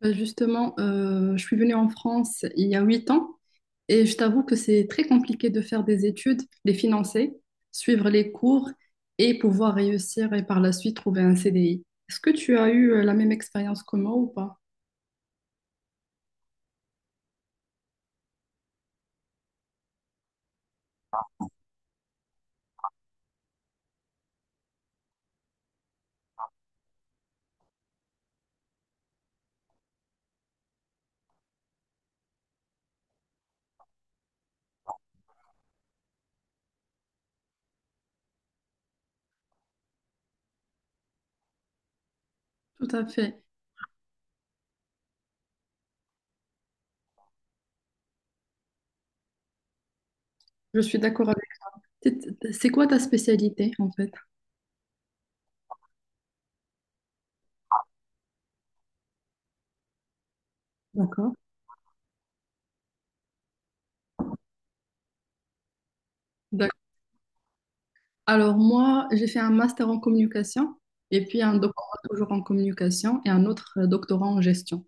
Bah, justement, je suis venue en France il y a 8 ans et je t'avoue que c'est très compliqué de faire des études, les financer, suivre les cours et pouvoir réussir et par la suite trouver un CDI. Est-ce que tu as eu la même expérience que moi ou pas? Tout à fait. Je suis d'accord avec toi. C'est quoi ta spécialité en fait? D'accord. D'accord. Alors moi, j'ai fait un master en communication et puis un doctorat toujours en communication et un autre doctorat en gestion.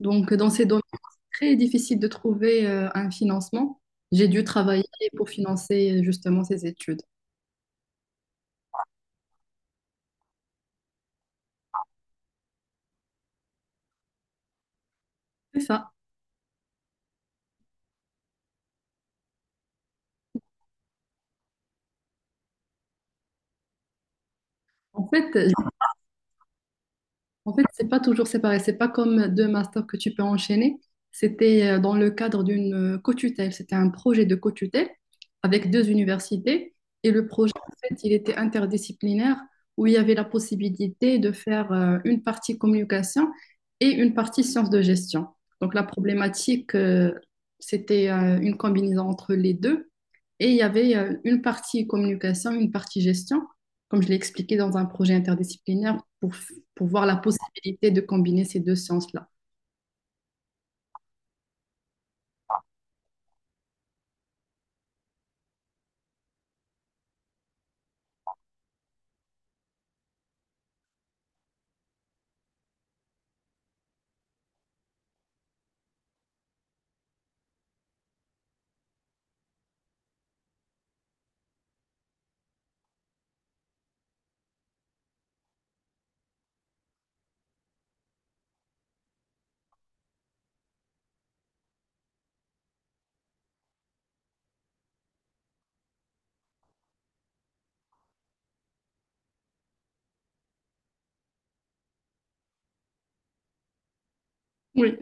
Donc, dans ces domaines, c'est très difficile de trouver un financement. J'ai dû travailler pour financer justement ces études. C'est ça. En fait, En fait, c'est pas toujours séparé. C'est pas comme deux masters que tu peux enchaîner. C'était dans le cadre d'une co-tutelle. C'était un projet de co-tutelle avec deux universités. Et le projet, en fait, il était interdisciplinaire où il y avait la possibilité de faire une partie communication et une partie sciences de gestion. Donc, la problématique, c'était une combinaison entre les deux. Et il y avait une partie communication, une partie gestion, comme je l'ai expliqué dans un projet interdisciplinaire pour voir la possibilité de combiner ces deux sciences-là. Oui.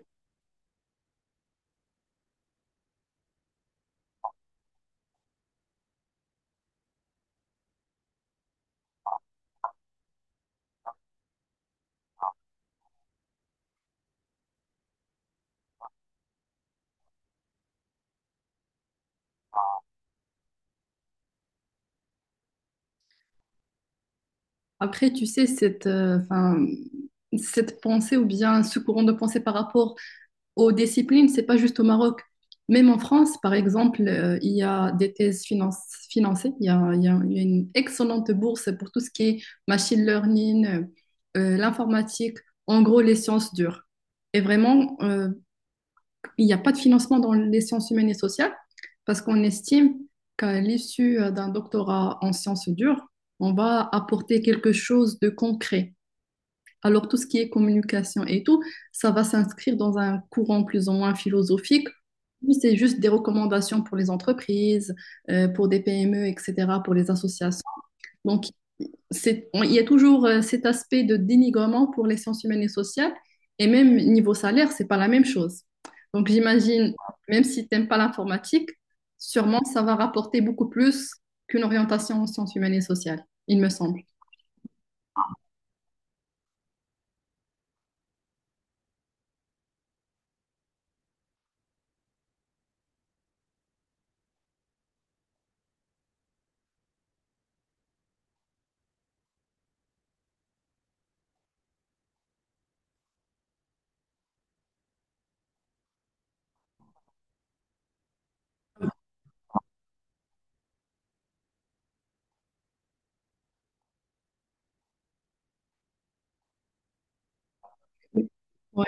Après, tu sais, enfin, cette pensée ou bien ce courant de pensée par rapport aux disciplines, c'est pas juste au Maroc. Même en France, par exemple, il y a des thèses financées. Il y a, il y a- il y a une excellente bourse pour tout ce qui est machine learning, l'informatique, en gros les sciences dures. Et vraiment, il n'y a pas de financement dans les sciences humaines et sociales parce qu'on estime qu'à l'issue d'un doctorat en sciences dures, on va apporter quelque chose de concret. Alors tout ce qui est communication et tout, ça va s'inscrire dans un courant plus ou moins philosophique. C'est juste des recommandations pour les entreprises, pour des PME, etc., pour les associations. Donc il y a toujours cet aspect de dénigrement pour les sciences humaines et sociales, et même niveau salaire, c'est pas la même chose. Donc j'imagine, même si t'aimes pas l'informatique, sûrement ça va rapporter beaucoup plus qu'une orientation en sciences humaines et sociales, il me semble. Ouais.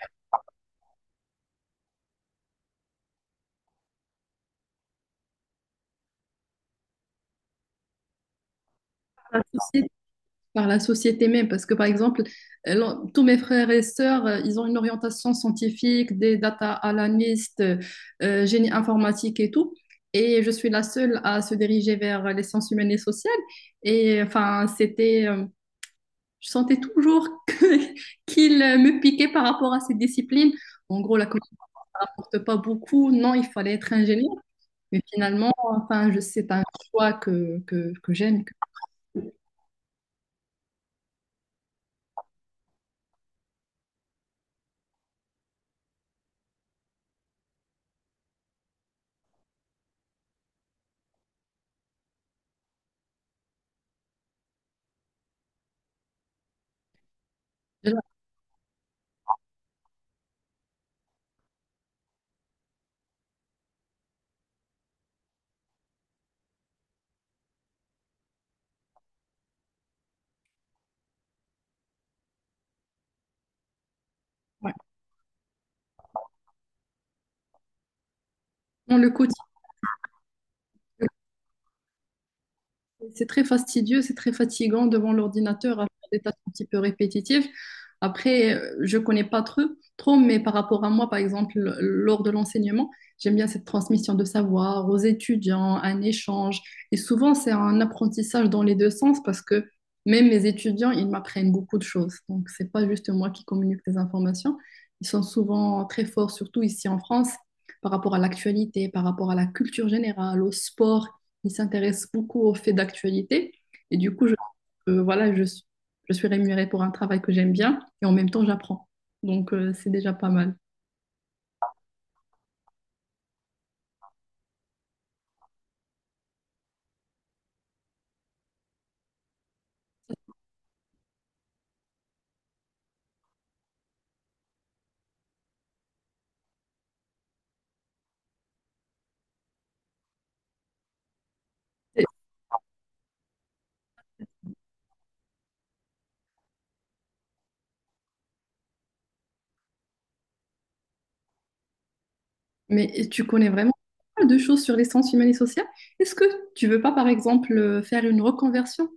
Pas de souci. Par la société même. Parce que, par exemple, tous mes frères et sœurs, ils ont une orientation scientifique, des data analystes, génie informatique et tout. Et je suis la seule à se diriger vers les sciences humaines et sociales. Et enfin, je sentais toujours qu'ils me piquaient par rapport à ces disciplines. En gros, la communauté ne rapporte pas beaucoup. Non, il fallait être ingénieur. Mais finalement, enfin, c'est un choix que j'aime. Ouais. Dans le quotidien. C'est très fastidieux, c'est très fatigant devant l'ordinateur à faire des tâches un petit peu répétitives. Après, je connais pas trop, mais par rapport à moi, par exemple, lors de l'enseignement, j'aime bien cette transmission de savoir aux étudiants, un échange. Et souvent, c'est un apprentissage dans les deux sens parce que même mes étudiants, ils m'apprennent beaucoup de choses. Donc, c'est pas juste moi qui communique les informations. Ils sont souvent très forts, surtout ici en France, par rapport à l'actualité, par rapport à la culture générale, au sport qui s'intéresse beaucoup aux faits d'actualité. Et du coup, voilà, je suis rémunérée pour un travail que j'aime bien et en même temps, j'apprends. Donc, c'est déjà pas mal. Et- mais tu connais vraiment pas mal de choses sur les sciences humaines et sociales. Est-ce que tu veux pas, par exemple, faire une reconversion?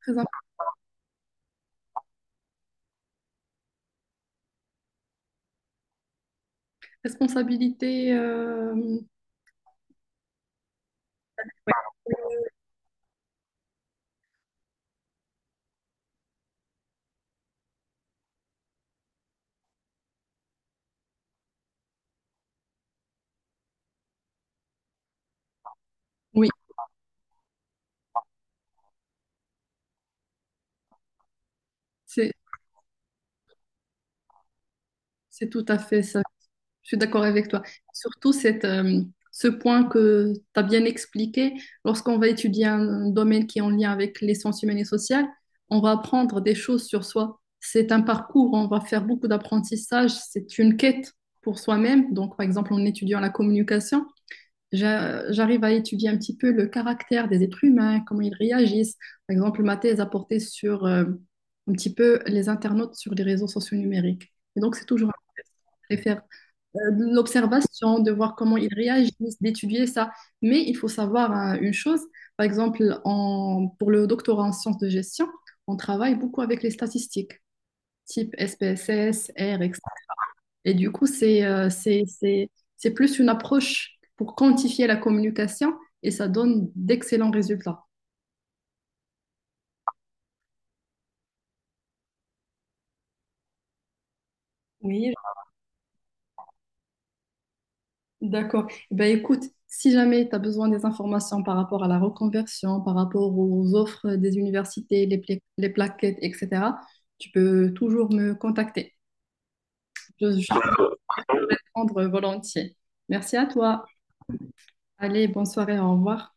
Très imp- Responsabilité, oui, c'est c'est tout à fait ça. Je suis d'accord avec toi. Surtout ce point que tu as bien expliqué, lorsqu'on va étudier un domaine qui est en lien avec les sciences humaines et sociales, on va apprendre des choses sur soi. C'est un parcours, on va faire beaucoup d'apprentissage, c'est une quête pour soi-même. Donc, par exemple, en étudiant la communication, j'arrive à étudier un petit peu le caractère des êtres humains, comment ils réagissent. Par exemple, ma thèse a porté sur un petit peu les internautes sur les réseaux sociaux numériques. Et donc, c'est toujours un test. Je préfère de l'observation, de voir comment ils réagissent, d'étudier ça. Mais il faut savoir hein, une chose, par exemple, pour le doctorat en sciences de gestion, on travaille beaucoup avec les statistiques, type SPSS, R, etc. Et du coup, c'est plus une approche pour quantifier la communication et ça donne d'excellents résultats. Oui, d'accord. Eh ben écoute, si jamais tu as besoin des informations par rapport à la reconversion, par rapport aux offres des universités, les plaquettes, etc., tu peux toujours me contacter. Je peux te répondre volontiers. Merci à toi. Allez, bonne soirée, au revoir.